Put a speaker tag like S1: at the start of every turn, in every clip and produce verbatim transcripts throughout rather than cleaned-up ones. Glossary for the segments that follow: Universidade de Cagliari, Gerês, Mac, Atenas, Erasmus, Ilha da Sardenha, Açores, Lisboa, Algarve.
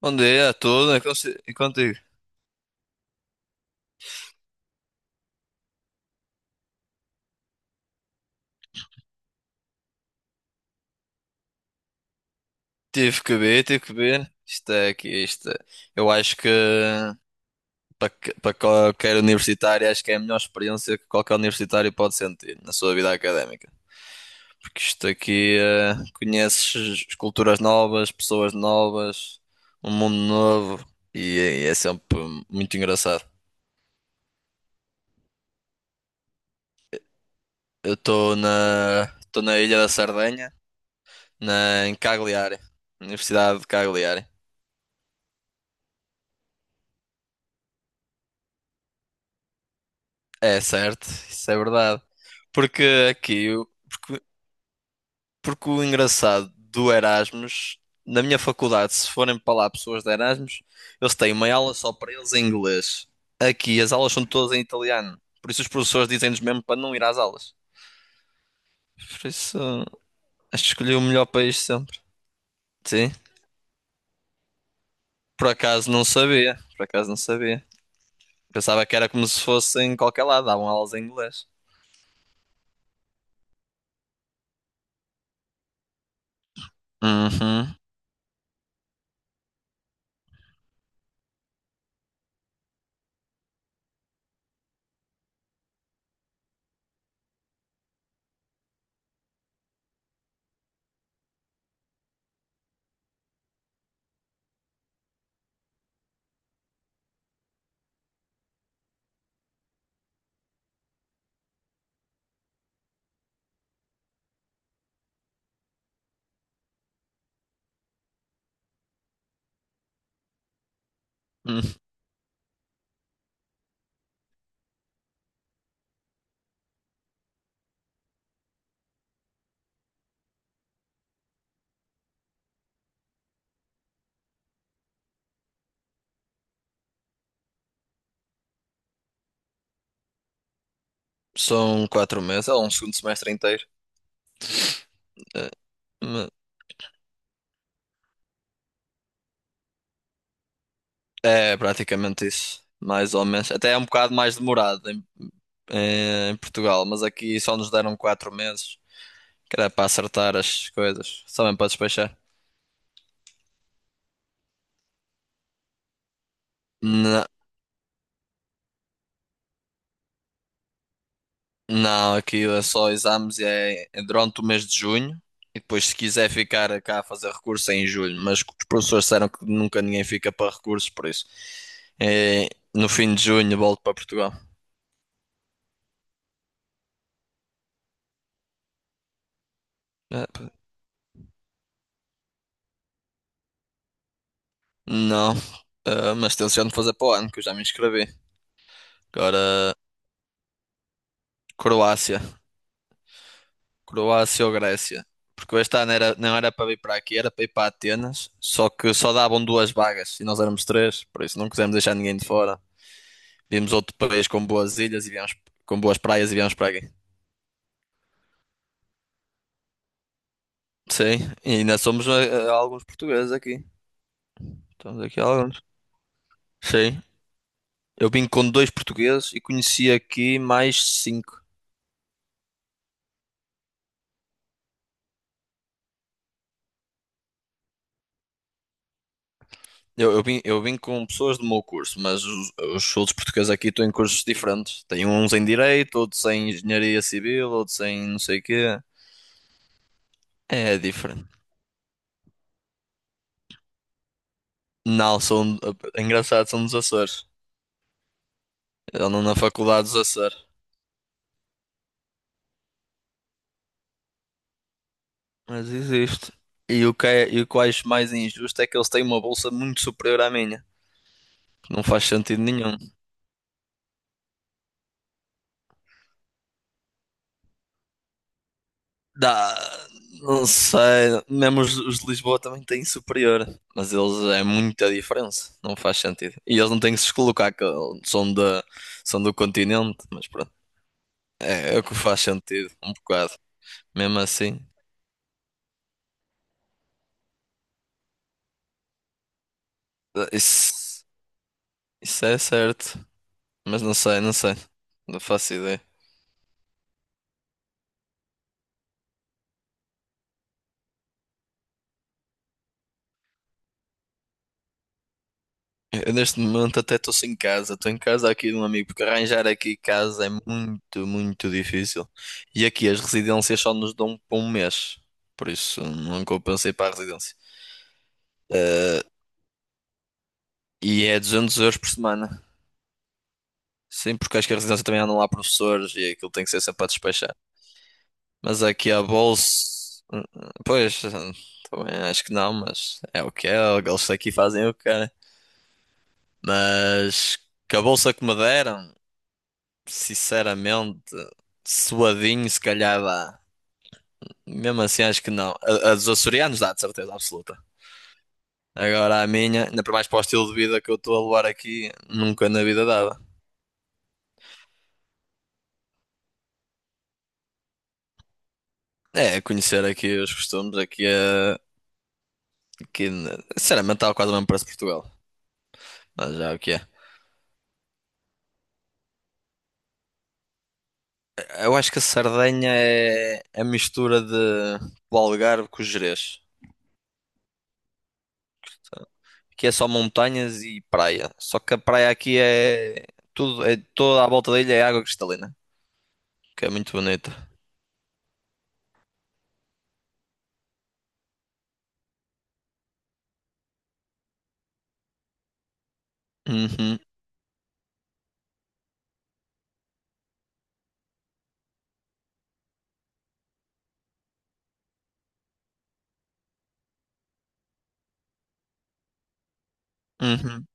S1: Bom dia a todos. É consi- E contigo? Tive que ver, tive que ver. Isto é aqui. isto é- Eu acho que para, que- para qualquer universitário, acho que é a melhor experiência que qualquer universitário pode sentir na sua vida académica. Porque isto aqui, eh, conheces culturas novas, pessoas novas, um mundo novo e é, e é sempre muito engraçado. Eu estou na, estou na Ilha da Sardenha, na, em Cagliari, Universidade de Cagliari. É certo, isso é verdade. Porque aqui, eu- porque, porque o engraçado do Erasmus, na minha faculdade, se forem para lá pessoas de Erasmus, eles têm uma aula só para eles em inglês. Aqui as aulas são todas em italiano. Por isso os professores dizem-nos mesmo para não ir às aulas. Por isso, acho que escolhi o melhor país sempre. Sim, por acaso não sabia. Por acaso não sabia. Pensava que era como se fosse em qualquer lado, davam aulas em inglês. Uhum. Uhum. São quatro meses, é um segundo semestre inteiro. Eh, Me- É praticamente isso, mais ou menos. Até é um bocado mais demorado em, eh, em Portugal, mas aqui só nos deram quatro meses, que era para acertar as coisas, só mesmo para despachar. Não, não, aqui é só exames é, é durante o mês de junho e depois se quiser ficar cá a fazer recurso é em julho, mas os professores disseram que nunca ninguém fica para recursos, por isso é, no fim de junho volto para Portugal. É, pá. Não, ah, mas tenciono fazer para o ano, que eu já me inscrevi. Agora, Croácia. Croácia ou Grécia? Porque este ano era, não era para vir para aqui, era para ir para Atenas. Só que só davam duas vagas e nós éramos três, por isso não quisemos deixar ninguém de fora. Vimos outro país com boas ilhas e viemos, com boas praias e viemos para aqui. Sim, e ainda somos eh, eh, alguns portugueses aqui. Estamos aqui alguns. Sim, eu vim com dois portugueses e conheci aqui mais cinco. Eu, eu vim, eu vim com pessoas do meu curso, mas os, os outros portugueses aqui estão em cursos diferentes. Tem uns em Direito, outros em Engenharia Civil, outros em não sei o quê. É diferente. Não, são, é engraçado, são dos Açores. Eu ando na faculdade dos Açores. Mas existe. E o que é, e o que eu acho mais injusto é que eles têm uma bolsa muito superior à minha. Não faz sentido nenhum. Dá, não sei, mesmo os, os de Lisboa também têm superior, mas eles é muita diferença, não faz sentido. E eles não têm que se colocar, que são, da são do continente, mas pronto, é, é o que faz sentido, um bocado. Mesmo assim, isso, isso é certo, mas não sei, não sei, não faço ideia. Eu neste momento até estou sem casa. Estou em casa aqui de um amigo, porque arranjar aqui casa é muito, muito difícil. E aqui as residências só nos dão por um mês. Por isso não compensei para a residência. E é duzentos euros por semana. Sim, porque acho que a residência também andam lá professores e aquilo tem que ser sempre a despachar. Mas aqui a bolsa. hum, Pois, hum, também acho que não, mas é o que é. Eles aqui fazem o que querem. Mas que a bolsa que me deram. Sinceramente, suadinho, se calhar dá. Mesmo assim, acho que não. A, a dos açorianos dá, de certeza absoluta. Agora a minha, ainda para mais para o estilo de vida que eu estou a levar aqui, nunca na vida dava. É, conhecer aqui os costumes, aqui, é aqui na- sinceramente, está quase o mesmo preço de Portugal. Mas já é o que é. Eu acho que a Sardenha é é a mistura de do Algarve com o Gerês. Aqui é só montanhas e praia. Só que a praia aqui é tudo, é toda à volta da ilha é água cristalina. Que é muito bonita. Uhum, uhum.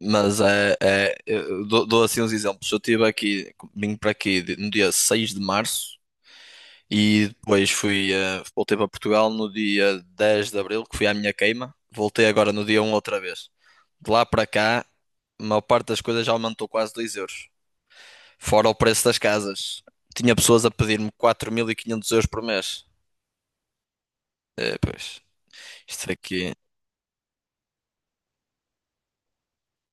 S1: Mas é, é eu dou, dou assim uns exemplos. Eu estive aqui, vim para aqui de- no dia seis de março e depois fui, eh, voltei para Portugal no dia dez de abril, que fui à minha queima. Voltei agora no dia um outra vez. De lá para cá, a maior parte das coisas já aumentou quase dois euros. Fora o preço das casas. Tinha pessoas a pedir-me quatro mil e quinhentos euros por mês. É, pois, isto aqui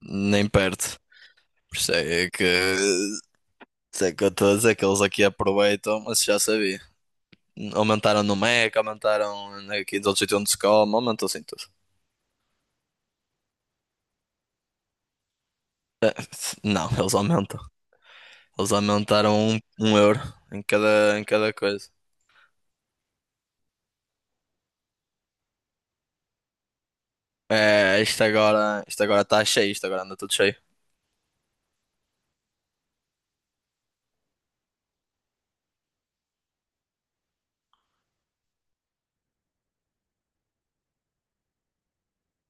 S1: nem perto. Por isso é que sei que eu estou a dizer que eles aqui aproveitam, mas já sabia. Aumentaram no Mac, aumentaram aqui dos outros sítios onde se come, aumentou assim tudo. É, não, eles aumentam. Eles aumentaram um, um euro em cada, em cada coisa. É, isto agora, isto agora está cheio, isto agora anda tudo cheio.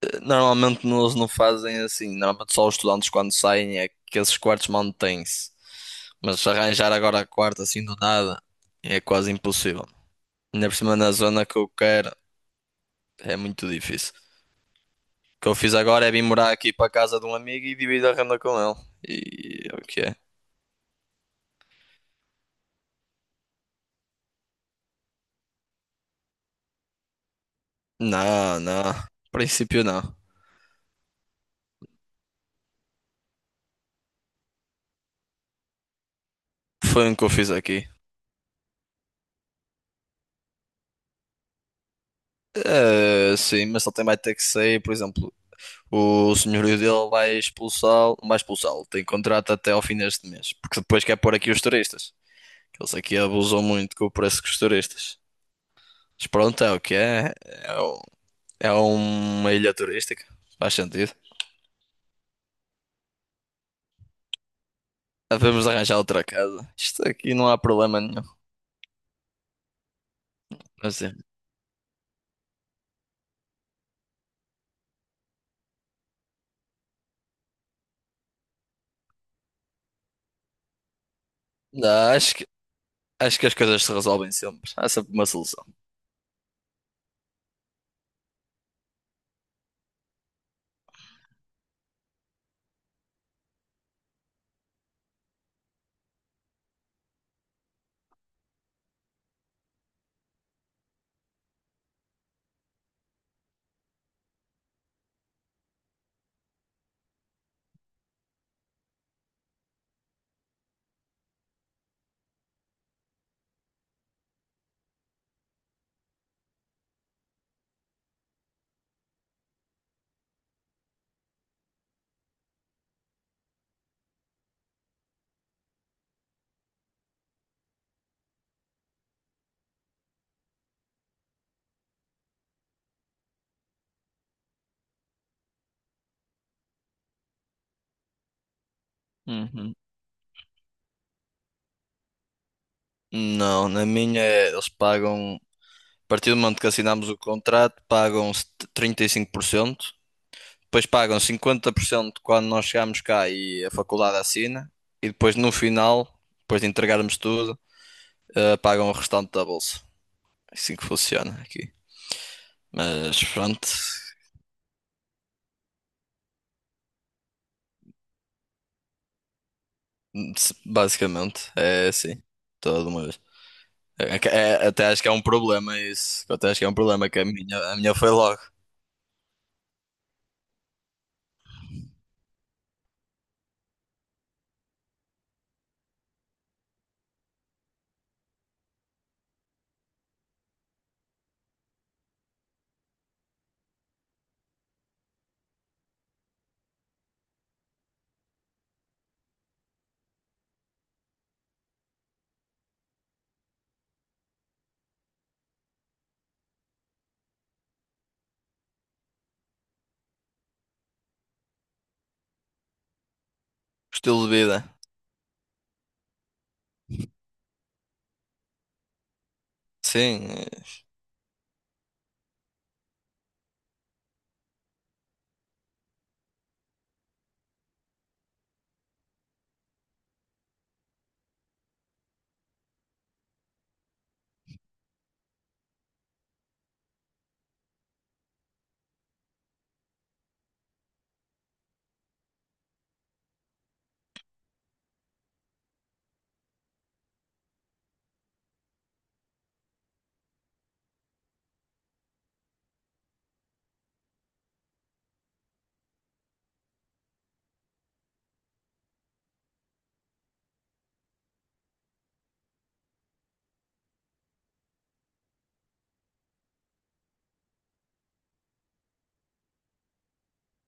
S1: Eh, Normalmente eles não fazem assim. Normalmente só os estudantes quando saem é que esses quartos mantêm-se. Mas arranjar agora quarto assim do nada é quase impossível. Ainda por cima na zona que eu quero é muito difícil. O que eu fiz agora é vir morar aqui para casa de um amigo e dividir a renda com ele. E é o que é? Não, não. Em princípio não. Foi um que eu fiz aqui. Eh, sim, mas ele também vai ter que sair, por exemplo, o senhorio dele vai expulsá-lo, não vai expulsá-lo, tem contrato até ao fim deste mês, porque depois quer pôr aqui os turistas. Eles aqui abusam muito com o preço dos turistas. Mas pronto, é o que é. É, o- é uma ilha turística, faz sentido. Devemos arranjar outra casa. Isto aqui não há problema nenhum. Mas é. Não, acho que, acho que as coisas se resolvem sempre. Há sempre uma solução. Uhum. Não, na minha é, eles pagam, a partir do momento que assinamos o contrato, pagam trinta e cinco por cento, depois pagam cinquenta por cento quando nós chegamos cá e a faculdade assina, e depois no final, depois de entregarmos tudo, eh, pagam o restante da bolsa. É assim que funciona aqui. Mas pronto, basicamente é assim, toda uma vez. É que- é- até acho que é um problema isso. Eu até acho que é um problema que a minha, a minha foi logo. Estilo de vida. Sim, eh,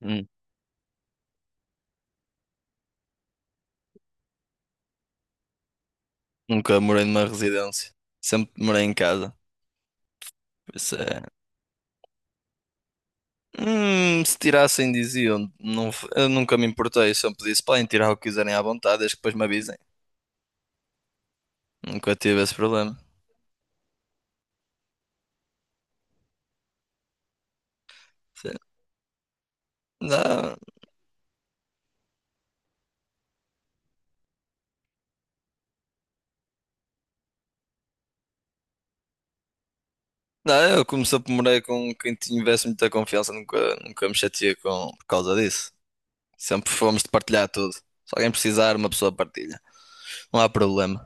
S1: nun- nunca morei numa residência. Sempre morei em casa. Por isso é. Hum, se tirassem, diziam. Não, f- eu nunca me importei. Sempre disse, podem tirar o que quiserem à vontade, desde que depois me avisem. Nunca tive esse problema. Sim. Não, não, eu como sempre morei com quem tivesse muita confiança, nunca, nunca me chateei com, por causa disso. Sempre fomos de partilhar tudo. Se alguém precisar, uma pessoa partilha. Não há problema.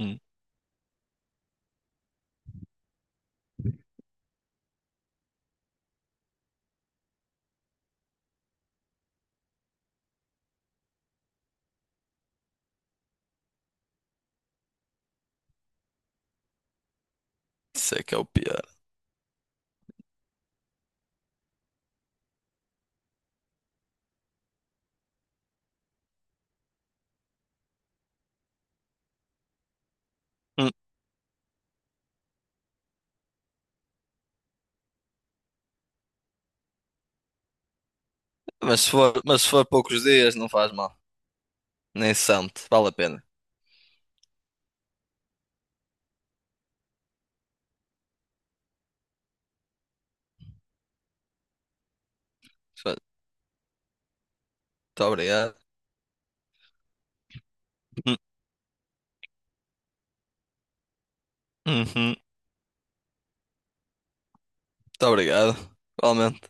S1: Hum, Isso é que é o pior. Hum, Mas se for, mas se for poucos dias, não faz mal. Nem se sente. Vale a pena. Muito obrigado. Hum, uhum. Muito obrigado. Igualmente.